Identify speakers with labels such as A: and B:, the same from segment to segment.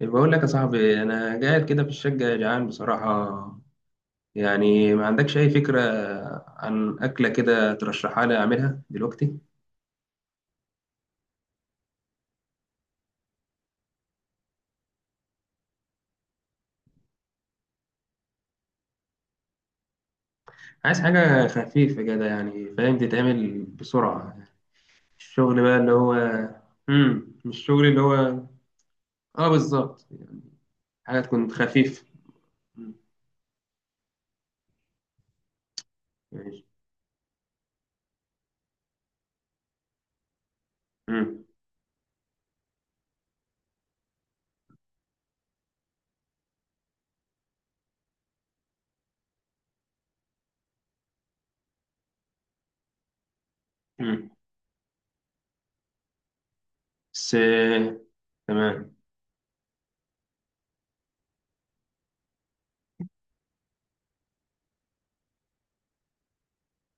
A: بقول لك يا صاحبي، انا قاعد كده في الشقه جعان بصراحه. يعني ما عندكش اي فكره عن اكله كده ترشحها لي اعملها دلوقتي؟ عايز حاجه خفيفه كده، يعني فاهم، تتعمل بسرعه. الشغل بقى اللي هو. مش الشغل اللي هو. اه بالظبط. حاجه تكون خفيفه. مم. ماشي. امم. امم. بس تمام.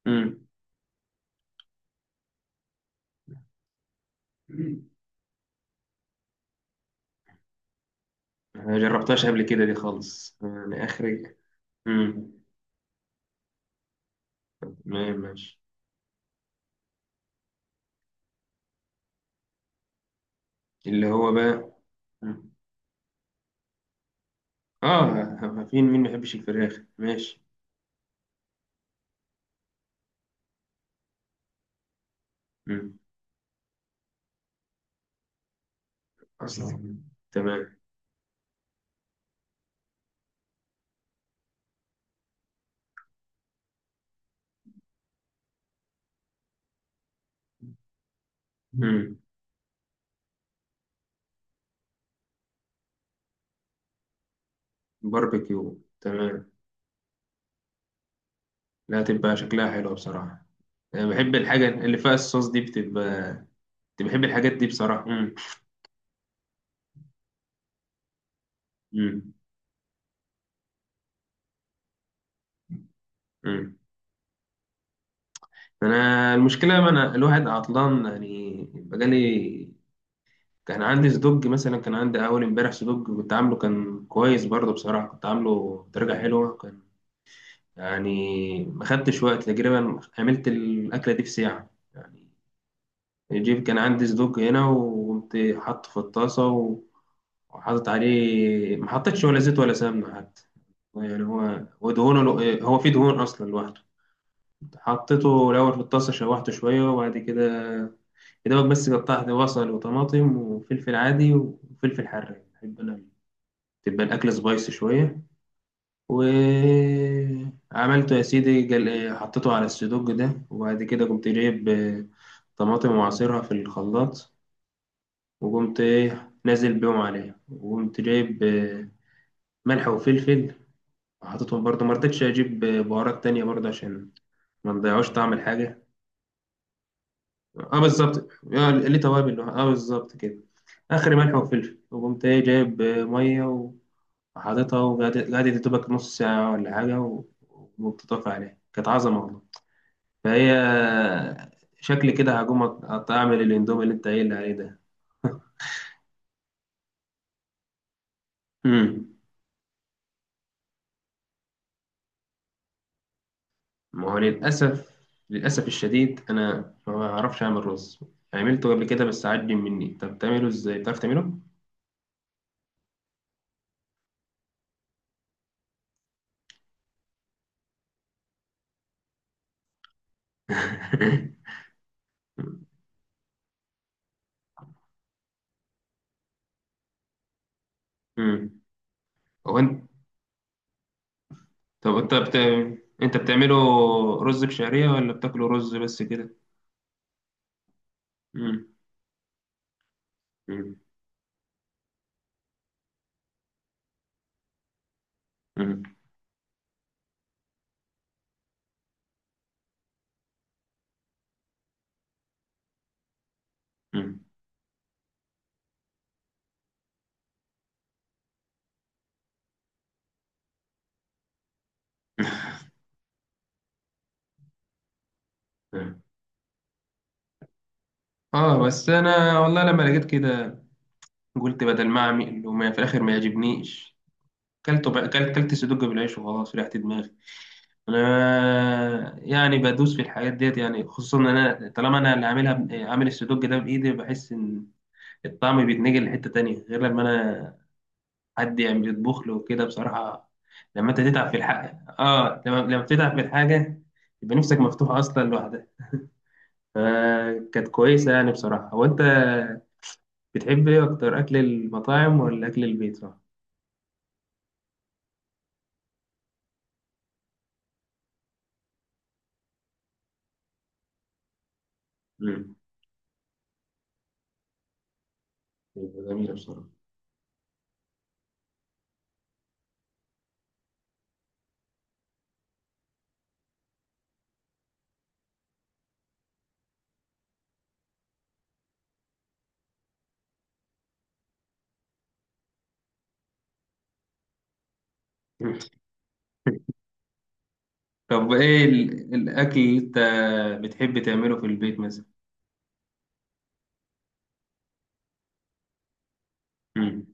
A: امم. ما جربتهاش قبل كده دي خالص، يعني اخرج. امم. تمام، ماشي. اللي هو بقى. مم. اه، فين مين ما يحبش الفراخ؟ ماشي. مم. الله. اصلا. تمام. مم. باربيكيو، تمام. لا، تبقى شكلها حلو بصراحة. انا بحب الحاجة اللي فيها الصوص دي بتبقى. كنت بحب الحاجات دي بصراحة. مم. مم. مم. انا المشكلة، ما انا الواحد عطلان يعني، بقالي كان عندي صدق مثلا، كان عندي اول امبارح صدق كنت عامله، كان كويس برضه بصراحة، كنت عامله درجة حلوة كان. يعني ما خدتش وقت تقريبا، عملت الأكلة دي في ساعة يعني. الجيب كان عندي صدوق هنا وقمت حاطه في الطاسة و- وحاطط عليه، ما حطيتش ولا زيت ولا سمنة حتى. يعني هو ودهونه لو- هو فيه دهون أصلا لوحده. حطيته الأول في الطاسة، شوحته شوية، وبعد كده يا دوبك بس قطعت بصل وطماطم وفلفل عادي وفلفل حراق، بحب أنا تبقى الأكل سبايسي شوية. وعملته يا سيدي جل... حطيته على السدوج ده، وبعد كده قمت جايب طماطم وعصيرها في الخلاط. وقمت ايه نازل بيهم عليه، وقمت جايب ملح وفلفل، وحطيتهم برضه. ما رضيتش اجيب بهارات تانية برضه عشان ما نضيعوش طعم الحاجة. اه بالظبط. ليه توابل، اه بالظبط كده. اخر ملح وفلفل، وقمت ايه جايب مية وحاططها، وقعدت يا دوبك نص ساعة ولا حاجة و- وبتطفي عليها كانت عظمة والله. فهي شكل كده هقوم أعمل الإندومي اللي أنت قايل لي عليه ده. مم. ما هو للأسف، للأسف الشديد أنا ما بعرفش أعمل رز. عملته قبل كده بس عجن مني. طب تعمله إزاي؟ بتعرف تعمله؟ أمم. هو أنت. طب أنت بت... أنت بتعمله رز بشعرية ولا بتاكله رز بس كده؟ أمم. أمم. أمم. أمم. أمم. آه، بس أنا والله لما لقيت كده، قلت بدل ما أعمل وما في الآخر ما يعجبنيش، كلته بقى. كلت سدوج بالعيش وخلاص، ريحت دماغي. انا يعني بدوس في الحاجات ديت يعني، خصوصا ان انا طالما انا اللي عاملها ب- عامل السدوج ده بايدي، بحس ان الطعم بيتنقل لحته تانية، غير لما انا حد يعمل يطبخ له وكده بصراحه. لما انت تتعب في الحاجه، اه، لما بتتعب في الحاجه يبقى نفسك مفتوحه اصلا لوحدها. فكانت كويسه يعني بصراحه. هو انت بتحب ايه اكتر، اكل المطاعم ولا اكل البيت، صح؟ امم. جميله بصراحه. طب، ايه الاكل اللي انت بتحب تعمله في البيت مثلا؟ مم.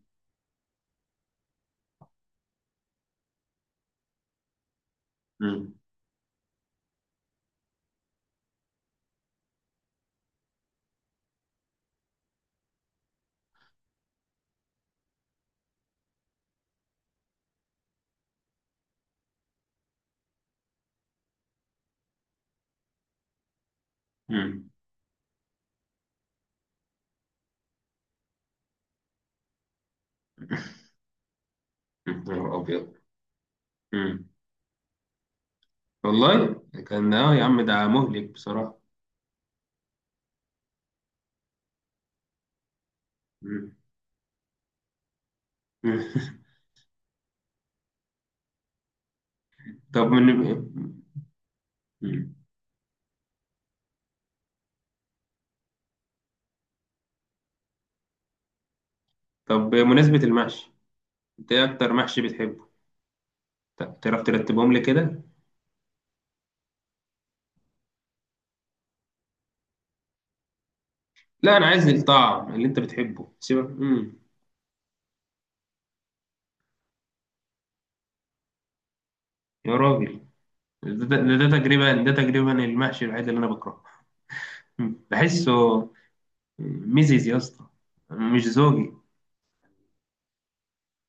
A: مم. مم. يا نهار أبيض. مم. والله كان آه يا عم، ده مهلك بصراحة. مم. مم. طب من. مم. طب، بمناسبة المحشي، أنت إيه أكتر محشي بتحبه؟ تعرف ترتبهم لي كده؟ لا، أنا عايز الطعم اللي أنت بتحبه سيبك. مم. يا راجل، ده, ده, ده تقريبا المحشي الوحيد اللي أنا بكرهه. مم. بحسه ميزيز يا اسطى، مش زوجي.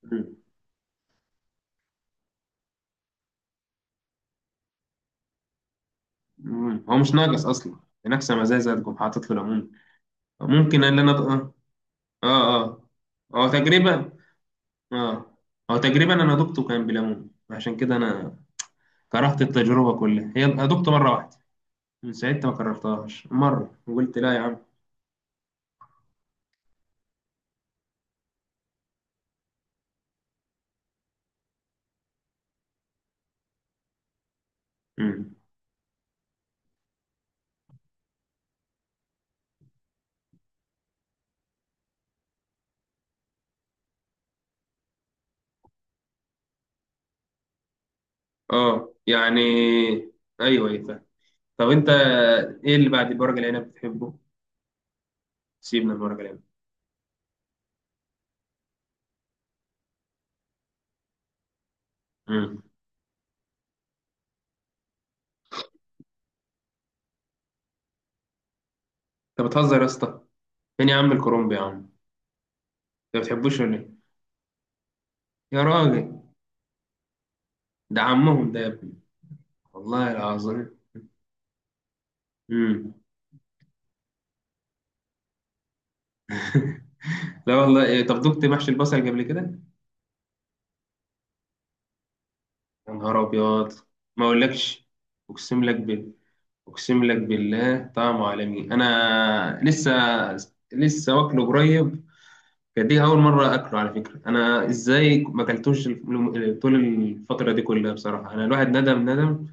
A: مم. مم. هو مش ناقص أصلا، ناقصة مزازة تقوم حاطط له ليمون. ممكن اللي انا اه. اه. اه، تجربة. اه. هو تجربة، انا دقته كان بليمون، عشان كده انا كرهت التجربة كلها. هي أنا دقته مرة واحدة، من ساعتها ما كررتهاش مرة، وقلت لا يا عم. مم. اه يعني. ايوه، ايوه، فاهم. طب انت، ايه اللي بعد ورق العنب بتحبه؟ سيبنا من ورق العنب. مم. انت بتهزر يا اسطى! فين يا عم الكرنب يا عم؟ انت ما بتحبوش ولا ايه؟ يا راجل، ده عمهم ده يا ابني، والله العظيم. مم. لا والله، إيه، طب دقت محشي البصل قبل كده؟ يا نهار ابيض. ما اقولكش، اقسم لك بال... اقسم لك بالله، طعم عالمي. انا لسه، لسه واكله قريب. كانت دي اول مره اكله على فكره. انا ازاي ما اكلتوش الم- طول الفتره دي كلها بصراحه؟ انا الواحد ندم ندم.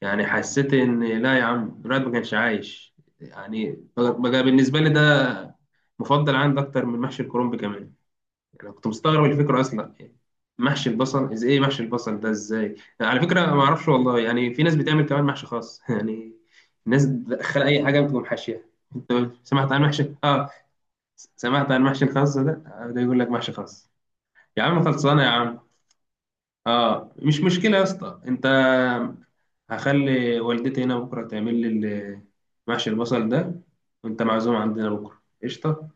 A: يعني حسيت ان لا يا عم، الواحد ما كانش عايش يعني. بقى بالنسبه لي ده مفضل عندي اكتر من محشي الكرنب كمان. انا كنت مستغرب الفكره اصلا يعني. محشي البصل از ايه، محشي البصل ده ازاي على فكره؟ ما اعرفش والله. يعني في ناس بتعمل كمان محشي خاص يعني، الناس بتدخل اي حاجه بتقوم حاشيها. انت سمعت عن محشي اه؟ سمعت عن محشي الخاص ده، ده يقول لك محشي خاص. يا عم، خلصانه يا عم. اه، مش مشكله يا اسطى. انت، هخلي والدتي هنا بكره تعمل لي ال- محشي البصل ده، وانت معزوم عندنا بكره قشطه.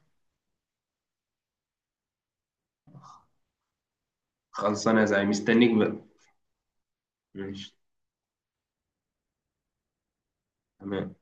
A: خلصانه يا زعيم، مستنيك بقى. ماشي. تمام.